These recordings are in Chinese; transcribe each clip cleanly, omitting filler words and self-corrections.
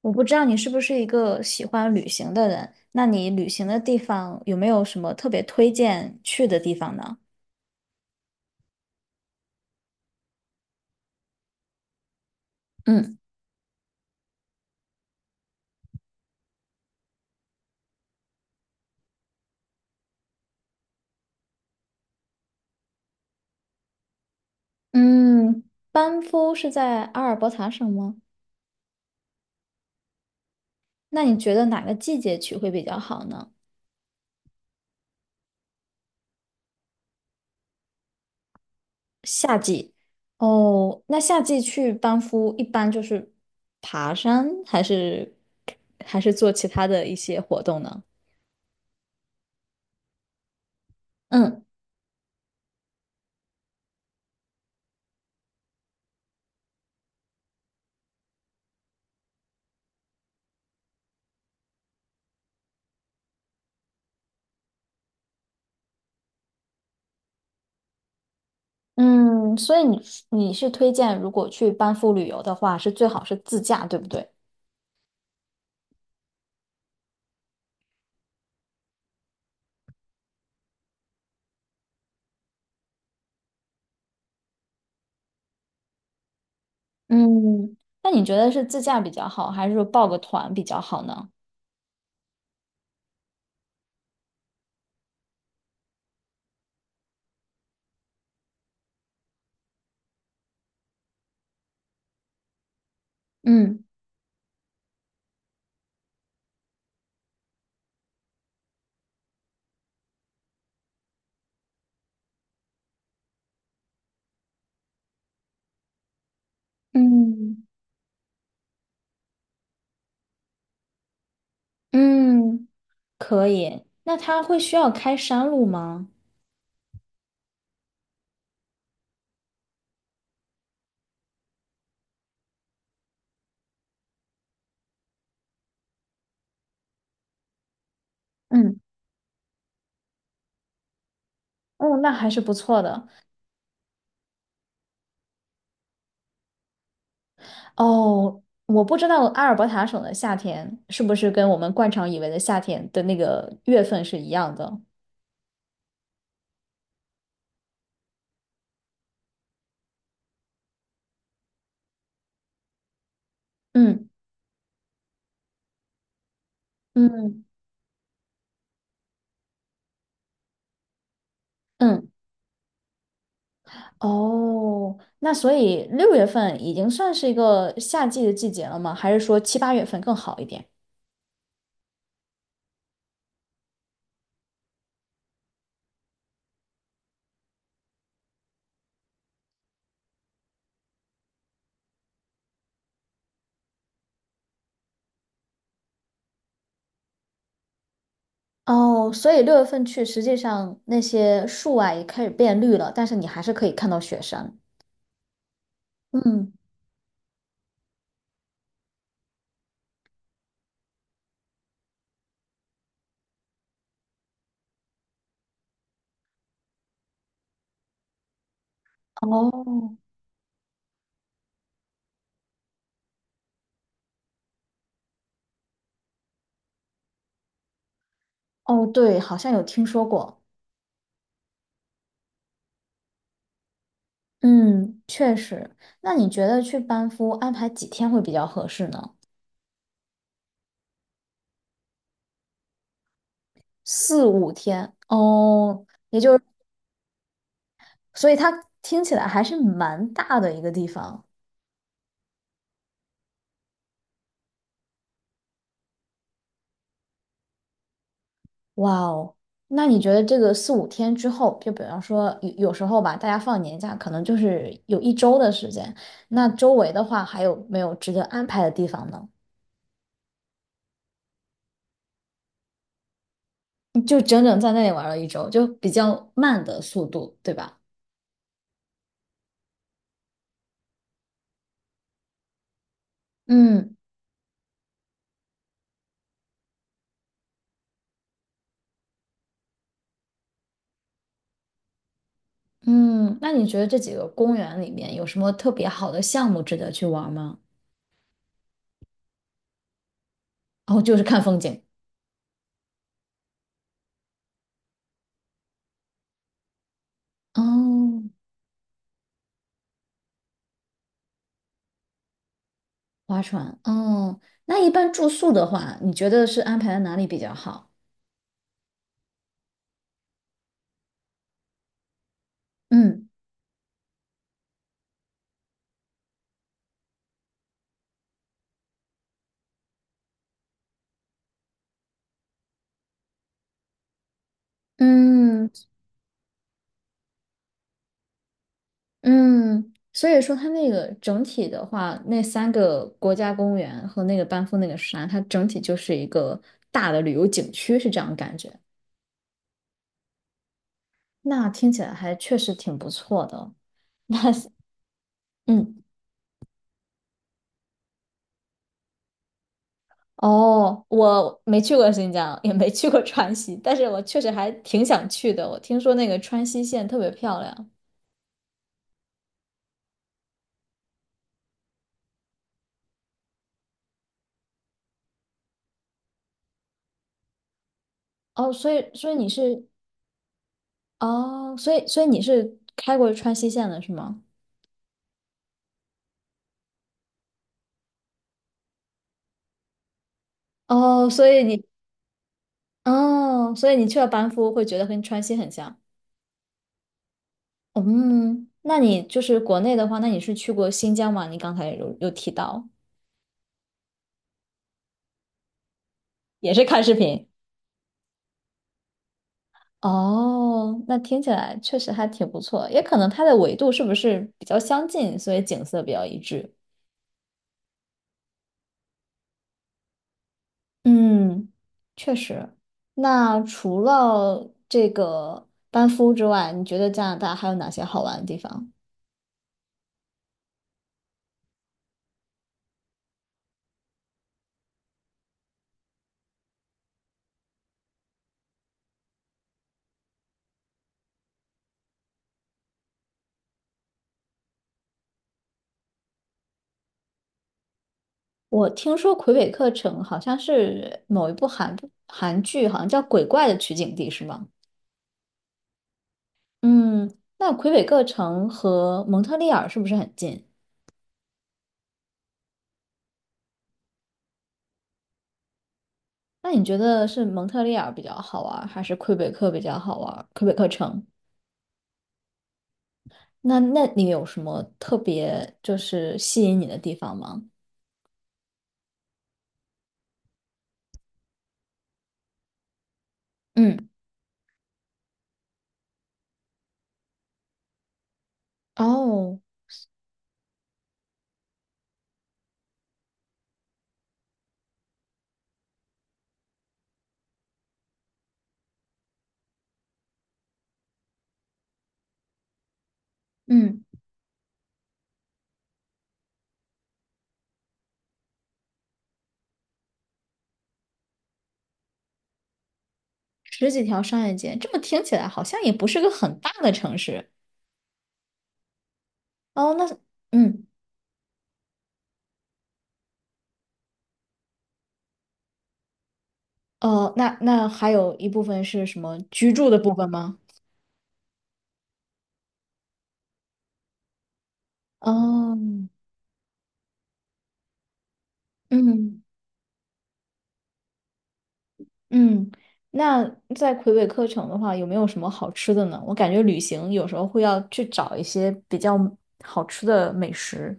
我不知道你是不是一个喜欢旅行的人，那你旅行的地方有没有什么特别推荐去的地方呢？嗯嗯，班夫是在阿尔伯塔省吗？那你觉得哪个季节去会比较好呢？夏季。哦，那夏季去班夫一般就是爬山，还是做其他的一些活动呢？嗯嗯，所以你是推荐如果去班夫旅游的话，是最好是自驾，对不对？嗯，那你觉得是自驾比较好，还是说报个团比较好呢？嗯嗯嗯，可以。那他会需要开山路吗？嗯，哦，那还是不错的。哦，我不知道阿尔伯塔省的夏天是不是跟我们惯常以为的夏天的那个月份是一样的。嗯嗯嗯，哦，那所以六月份已经算是一个夏季的季节了吗？还是说七八月份更好一点？哦，所以六月份去，实际上那些树啊也开始变绿了，但是你还是可以看到雪山。嗯，哦，哦，对，好像有听说过。嗯，确实。那你觉得去班夫安排几天会比较合适呢？四五天。哦，也就是，所以它听起来还是蛮大的一个地方。哇哦，那你觉得这个四五天之后，就比方说有时候吧，大家放年假可能就是有一周的时间，那周围的话还有没有值得安排的地方呢？你就整整在那里玩了一周，就比较慢的速度，对吧？嗯嗯，那你觉得这几个公园里面有什么特别好的项目值得去玩吗？哦，就是看风景。哦，划船。哦，那一般住宿的话，你觉得是安排在哪里比较好？嗯。嗯，嗯，所以说它那个整体的话，那三个国家公园和那个班夫那个山，它整体就是一个大的旅游景区，是这样感觉。那听起来还确实挺不错的。嗯，哦，我没去过新疆，也没去过川西，但是我确实还挺想去的。我听说那个川西线特别漂亮。哦，所以你是哦，所以你是开过川西线的是吗？哦，所以你哦，所以你去了班夫会觉得跟川西很像。嗯，那你就是国内的话，那你是去过新疆吗？你刚才有提到，也是看视频。哦，那听起来确实还挺不错，也可能它的纬度是不是比较相近，所以景色比较一致。嗯，确实。那除了这个班夫之外，你觉得加拿大还有哪些好玩的地方？我听说魁北克城好像是某一部韩剧，好像叫《鬼怪》的取景地，是吗？嗯，那魁北克城和蒙特利尔是不是很近？那你觉得是蒙特利尔比较好玩儿还是魁北克比较好玩儿魁北克城，那你有什么特别就是吸引你的地方吗？嗯，哦，嗯，十几条商业街，这么听起来好像也不是个很大的城市。哦，那嗯。哦，那那还有一部分是什么居住的部分吗？哦，嗯嗯，那在魁北克城的话，有没有什么好吃的呢？我感觉旅行有时候会要去找一些比较好吃的美食，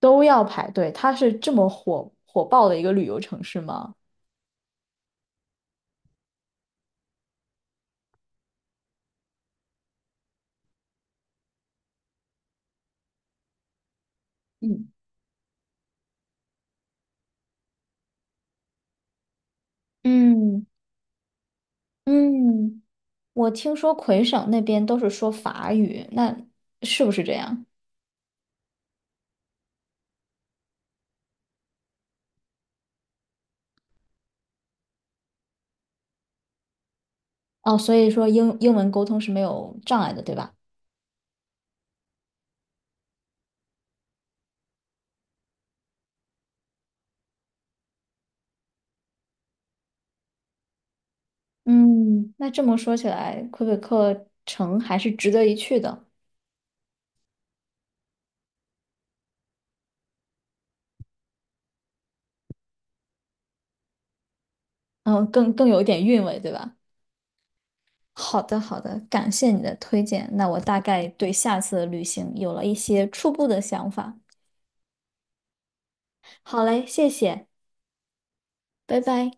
都要排队。它是这么火爆的一个旅游城市吗？嗯嗯嗯，我听说魁省那边都是说法语，那是不是这样？哦，所以说英文沟通是没有障碍的，对吧？嗯，那这么说起来，魁北克城还是值得一去的，嗯，更有一点韵味，对吧？好的，好的，感谢你的推荐，那我大概对下次的旅行有了一些初步的想法。好嘞，谢谢，拜拜。